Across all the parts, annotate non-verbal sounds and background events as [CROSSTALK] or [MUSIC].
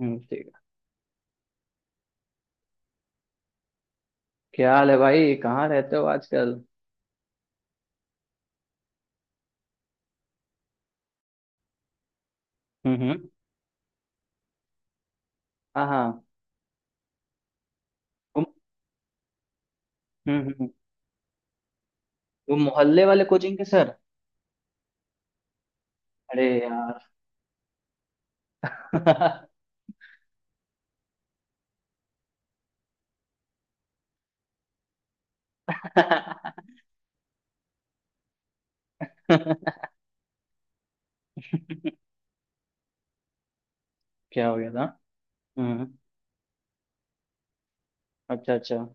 ठीक है। क्या हाल है भाई? कहाँ रहते हो आजकल? हम्म। हाँ हाँ। तुम। हम्म। वो मोहल्ले वाले कोचिंग के सर। अरे यार। [LAUGHS] क्या हो गया था? हम्म। अच्छा अच्छा।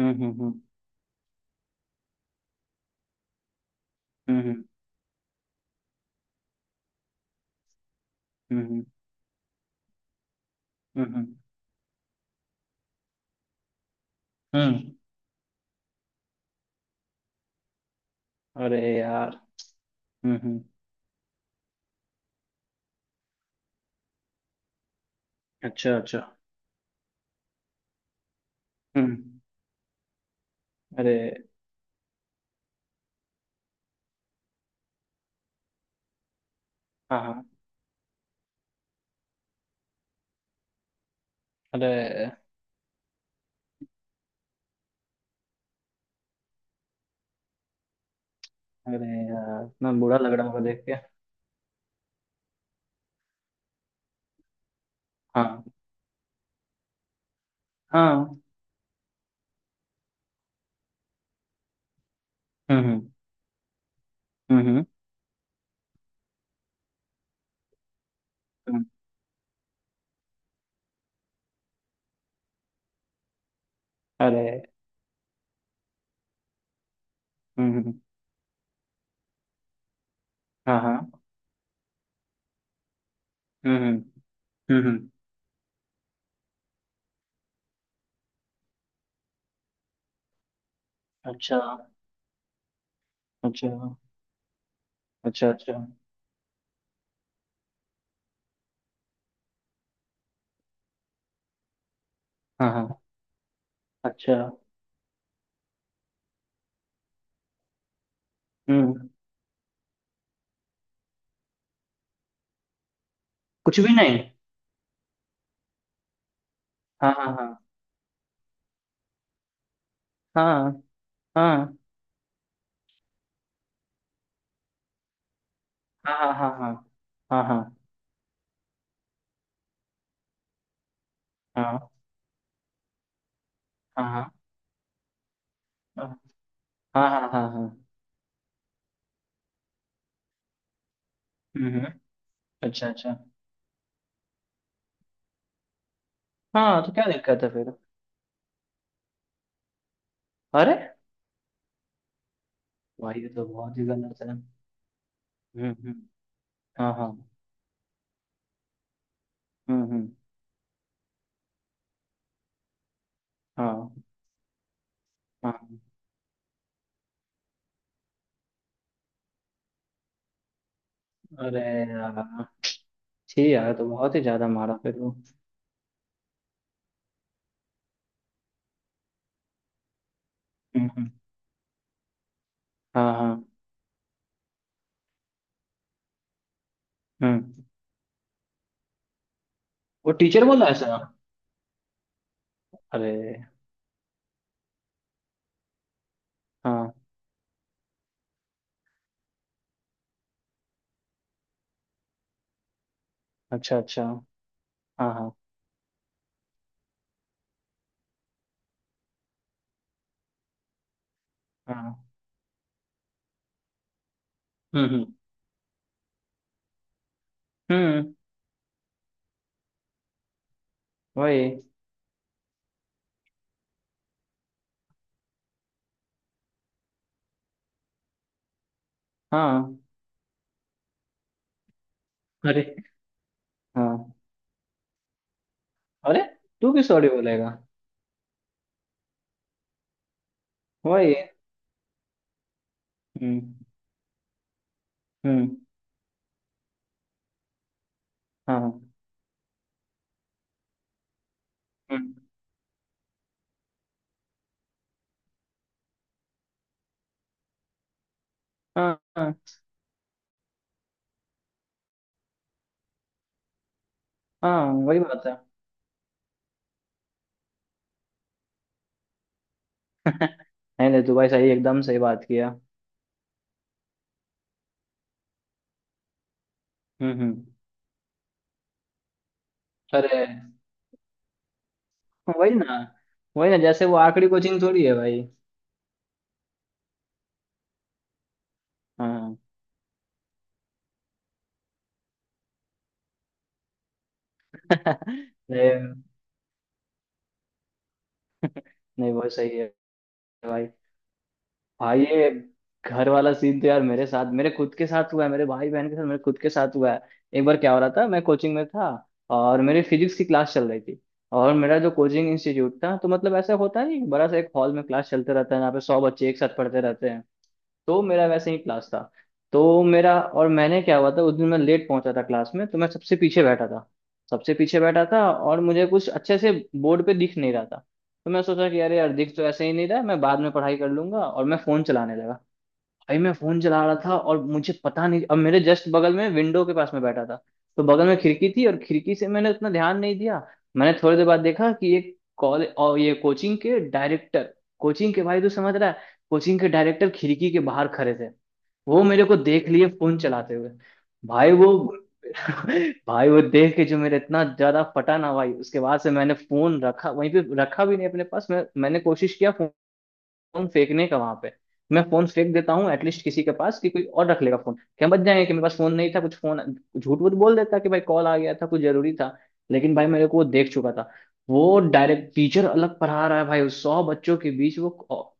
हम्म। हम्म। हम्म। हम्म हम्म, हम्म। अरे यार। हम्म। अच्छा अच्छा। हम्म। अरे। हाँ हाँ। अरे। अरे यार, इतना बुरा लग रहा होगा देख के। हाँ हाँ। हम्म हम्म। हम्म, अरे। हम्म हम्म, हाँ हाँ। हम्म। हम्म हम्म, अच्छा अच्छा। अच्छा अच्छा। हाँ हाँ। अच्छा। हम्म। कुछ भी नहीं। हाँ हाँ हाँ। हाँ हाँ हाँ हाँ। हाँ हाँ हाँ। हाँ हाँ हाँ हाँ। हाँ हाँ हाँ हाँ। हम्म हम्म, अच्छा अच्छा। हाँ, तो क्या दिक्कत है फिर? अरे। भाई ये तो बहुत ही गलत है। हम्म। हाँ हाँ। हम्म। हाँ हाँ। अरे यार। ठीक यार, तो बहुत ही ज्यादा मारा फिर वो। हम्म हम्म, हाँ हाँ। हम्म। वो टीचर बोला ऐसा? अरे। हाँ। अच्छा अच्छा। हाँ हाँ। हाँ। हम्म। हम्म, वही। हाँ। अरे। हाँ। अरे, तू भी सॉरी बोलेगा? वही। हम्म हम्म। हाँ हाँ। हम्म, हाँ हाँ। हाँ, वही बात है। नहीं नहीं, तू भाई सही, एकदम सही बात किया। हम्म। अरे, वही ना। वही ना, जैसे वो आखिरी कोचिंग थोड़ी है भाई। हाँ। [LAUGHS] नहीं, नहीं बहुत सही है भाई। हाँ, ये घर वाला सीन तो यार मेरे साथ, मेरे खुद के साथ हुआ है। मेरे भाई बहन के साथ, मेरे खुद के साथ हुआ है। एक बार क्या हो रहा था, मैं कोचिंग में था, और मेरी फिजिक्स की क्लास चल रही थी। और मेरा जो कोचिंग इंस्टीट्यूट था, तो मतलब ऐसा होता नहीं, बड़ा सा एक हॉल में क्लास चलते रहता है, यहाँ पे सौ बच्चे एक साथ पढ़ते रहते हैं। तो मेरा वैसे ही क्लास था। तो मेरा, और मैंने क्या हुआ था, उस दिन मैं लेट पहुंचा था क्लास में, तो मैं सबसे पीछे बैठा था। सबसे पीछे बैठा था, और मुझे कुछ अच्छे से बोर्ड पे दिख नहीं रहा था। तो मैं सोचा कि अरे यार, दिख तो ऐसे ही नहीं रहा है, मैं बाद में पढ़ाई कर लूंगा, और मैं फोन चलाने लगा। भाई मैं फोन चला रहा था, और मुझे पता नहीं, अब मेरे जस्ट बगल में विंडो के पास में बैठा था। तो बगल में खिड़की थी, और खिड़की से मैंने उतना ध्यान नहीं दिया। मैंने थोड़ी देर बाद देखा कि एक कॉलेज, और ये कोचिंग के डायरेक्टर, कोचिंग के, भाई तू समझ रहा है, कोचिंग के डायरेक्टर खिड़की के बाहर खड़े थे। वो मेरे को देख लिए फोन चलाते हुए। भाई वो, [LAUGHS] भाई वो देख के जो मेरा इतना ज्यादा फटा ना भाई, उसके बाद से मैंने फोन रखा, वहीं पे रखा, भी नहीं अपने पास। मैं, मैंने कोशिश किया फोन फेंकने का वहां पे। मैं फोन फेंक देता हूँ एटलीस्ट किसी के पास कि कोई और रख लेगा फोन, क्या बच जाएंगे कि मेरे पास फोन नहीं था, कुछ फोन। झूठ वूठ बोल देता कि भाई कॉल आ गया था, कुछ जरूरी था। लेकिन भाई मेरे को वो देख चुका था। वो डायरेक्ट टीचर अलग पढ़ा रहा है भाई, उस सौ बच्चों के बीच वो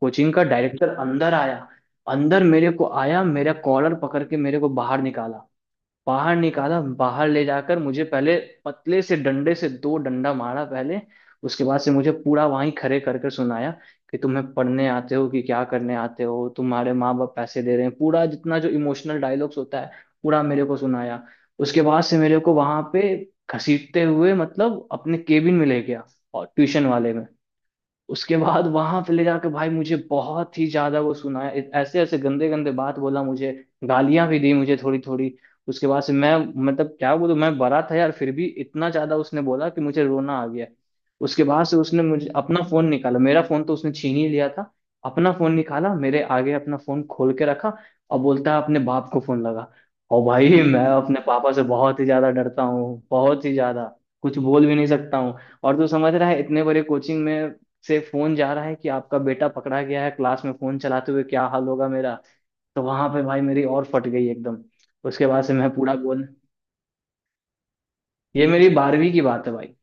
कोचिंग का डायरेक्टर अंदर आया। अंदर मेरे को आया, मेरा कॉलर पकड़ के मेरे को बाहर निकाला। बाहर निकाला, बाहर ले जाकर मुझे पहले पतले से डंडे से दो डंडा मारा पहले। उसके बाद से मुझे पूरा वहीं खड़े कर कर सुनाया कि तुम्हें पढ़ने आते हो कि क्या करने आते हो? तुम्हारे माँ बाप पैसे दे रहे हैं, पूरा जितना जो इमोशनल डायलॉग्स होता है, पूरा मेरे को सुनाया। उसके बाद से मेरे को वहां पे घसीटते हुए मतलब अपने केबिन में ले गया, और ट्यूशन वाले में। उसके बाद वहां पे ले जाकर भाई मुझे बहुत ही ज्यादा वो सुनाया। ऐसे ऐसे गंदे गंदे बात बोला मुझे। गालियां भी दी मुझे थोड़ी थोड़ी। उसके बाद से मैं, मतलब क्या बोलूं, मैं बड़ा था यार, फिर भी इतना ज्यादा उसने बोला कि मुझे रोना आ गया। उसके बाद से उसने मुझे अपना फोन निकाला, मेरा फोन तो उसने छीन ही लिया था। अपना फोन निकाला, मेरे आगे अपना फोन खोल के रखा, और बोलता है अपने बाप को फोन लगा। और भाई मैं अपने पापा से बहुत ही ज्यादा डरता हूँ, बहुत ही ज्यादा। कुछ बोल भी नहीं सकता हूँ। और तू समझ रहा है, इतने बड़े कोचिंग में से फोन जा रहा है कि आपका बेटा पकड़ा गया है क्लास में फोन चलाते हुए, क्या हाल होगा मेरा। तो वहां पे भाई मेरी और फट गई एकदम। उसके बाद से मैं पूरा बोल, ये मेरी बारहवीं की बात है भाई।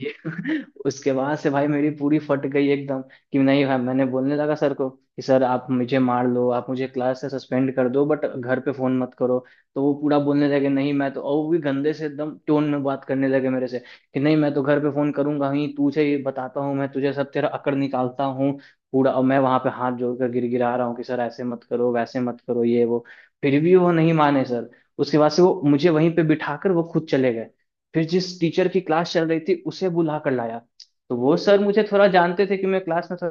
ये [LAUGHS] उसके बाद से भाई मेरी पूरी फट गई एकदम कि नहीं भाई। मैंने बोलने लगा सर को कि सर आप मुझे मार लो, आप मुझे क्लास से सस्पेंड कर दो, बट घर पे फोन मत करो। तो वो पूरा बोलने लगे नहीं मैं तो, और वो भी गंदे से एकदम टोन में बात करने लगे मेरे से कि नहीं मैं तो घर पे फोन करूंगा ही, तुझे ये बताता हूँ मैं, तुझे सब तेरा अकड़ निकालता हूँ पूरा। और मैं वहां पे हाथ जोड़कर गिड़गिड़ा रहा हूँ कि सर ऐसे मत करो, वैसे मत करो, ये वो। फिर भी वो नहीं माने सर। उसके बाद से वो मुझे वहीं पे बिठाकर वो खुद चले गए। फिर जिस टीचर की क्लास चल रही थी उसे बुला कर लाया। तो वो सर मुझे थोड़ा जानते थे कि मैं क्लास में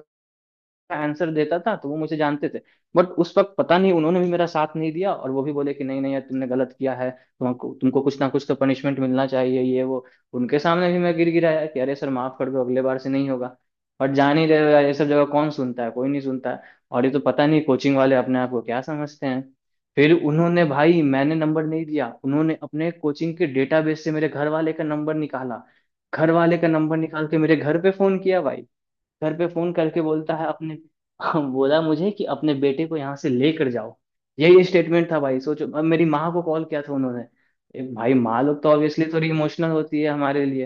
आंसर देता था, तो वो मुझे जानते थे। बट उस वक्त पता नहीं, उन्होंने भी मेरा साथ नहीं दिया, और वो भी बोले कि नहीं नहीं यार, तुमने गलत किया है, तुमको तुमको कुछ ना कुछ तो पनिशमेंट मिलना चाहिए, ये वो। उनके सामने भी मैं गिर गिराया कि अरे सर, माफ कर दो, अगले बार से नहीं होगा। और जान ही रहे हो यार, ये सब जगह कौन सुनता है, कोई नहीं सुनता है। और ये तो पता नहीं कोचिंग वाले अपने आप को क्या समझते हैं। फिर उन्होंने, भाई मैंने नंबर नहीं दिया, उन्होंने अपने कोचिंग के डेटाबेस से मेरे घर वाले का नंबर निकाला। घर वाले का नंबर निकाल के मेरे घर पे फोन किया भाई। घर पे फोन करके बोलता है अपने, [LAUGHS] बोला मुझे कि अपने बेटे को यहाँ से लेकर जाओ। यही स्टेटमेंट था भाई, सोचो। अब मेरी माँ को कॉल किया था उन्होंने, एक भाई। माँ लोग तो ऑब्वियसली थोड़ी इमोशनल होती है हमारे लिए।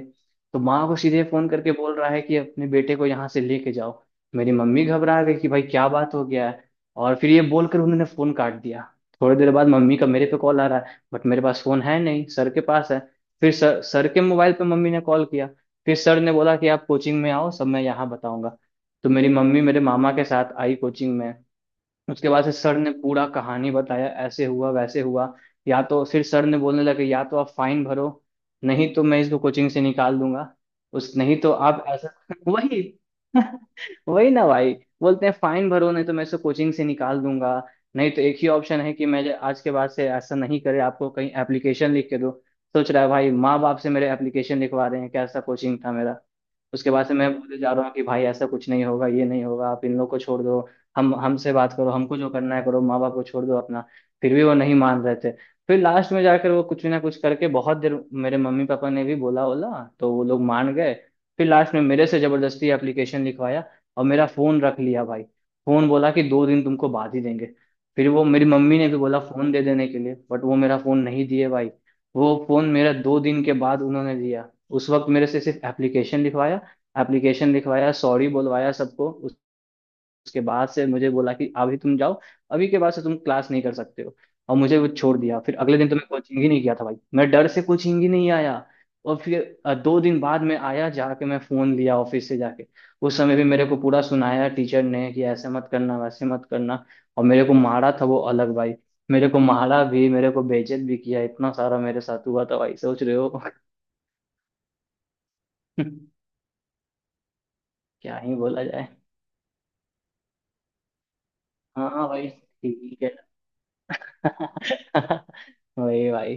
तो माँ को सीधे फोन करके बोल रहा है कि अपने बेटे को यहाँ से लेके जाओ। मेरी मम्मी घबरा गई कि भाई क्या बात हो गया है। और फिर ये बोलकर उन्होंने फोन काट दिया। थोड़ी देर बाद मम्मी का मेरे पे कॉल आ रहा है, बट मेरे पास फोन है नहीं, सर के पास है। फिर सर, सर के मोबाइल पे मम्मी ने कॉल किया। फिर सर ने बोला कि आप कोचिंग में आओ, सब मैं यहाँ बताऊंगा। तो मेरी मम्मी मेरे मामा के साथ आई कोचिंग में। उसके बाद से सर ने पूरा कहानी बताया, ऐसे हुआ वैसे हुआ। या तो फिर सर ने बोलने लगे, या तो आप फाइन भरो, नहीं तो मैं इसको कोचिंग से निकाल दूंगा। उस, नहीं तो आप ऐसा, [LAUGHS] वही। [LAUGHS] वही ना भाई। बोलते हैं फाइन भरो, नहीं तो मैं इसको कोचिंग से निकाल दूंगा। नहीं तो एक ही ऑप्शन है कि मैं आज के बाद से ऐसा नहीं करे, आपको कहीं एप्लीकेशन लिख के दो। सोच रहा है भाई, माँ बाप से मेरे एप्लीकेशन लिखवा रहे हैं, कैसा कोचिंग था मेरा। उसके बाद से मैं बोले जा रहा हूँ कि भाई ऐसा कुछ नहीं होगा, ये नहीं होगा, आप इन लोग को छोड़ दो। हम, हमसे बात करो, हमको जो करना है करो, माँ बाप को छोड़ दो अपना। फिर भी वो नहीं मान रहे थे। फिर लास्ट में जाकर वो कुछ ना कुछ करके, बहुत देर मेरे मम्मी पापा ने भी बोला बोला, तो वो लोग मान गए। फिर लास्ट में मेरे से जबरदस्ती एप्लीकेशन लिखवाया, और मेरा फोन रख लिया भाई। फोन बोला कि दो दिन तुमको बाद ही देंगे। फिर वो, मेरी मम्मी ने भी बोला फोन दे देने के लिए, बट वो मेरा फोन नहीं दिए भाई। वो फोन मेरा दो दिन के बाद उन्होंने दिया। उस वक्त मेरे से सिर्फ एप्लीकेशन लिखवाया। एप्लीकेशन लिखवाया, सॉरी बुलवाया सबको। उसके बाद से मुझे बोला कि अभी तुम जाओ, अभी के बाद से तुम क्लास नहीं कर सकते हो। और मुझे वो छोड़ दिया। फिर अगले दिन तो मैं कोचिंग ही नहीं किया था भाई, मैं डर से कोचिंग ही नहीं आया। और फिर दो दिन बाद में आया, जाके मैं फोन लिया ऑफिस से जाके। उस समय भी मेरे को पूरा सुनाया टीचर ने कि ऐसे मत करना, वैसे मत करना। और मेरे को मारा था वो अलग भाई। मेरे को मारा भी, मेरे को बेइज्जत भी किया, इतना सारा मेरे साथ हुआ था भाई, सोच रहे हो। [LAUGHS] क्या ही बोला जाए। हाँ हाँ भाई, ठीक है। [LAUGHS] वही भाई।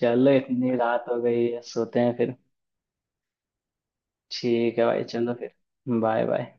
चलो इतनी रात हो गई है, सोते हैं फिर। ठीक है भाई, चलो फिर। Bye bye.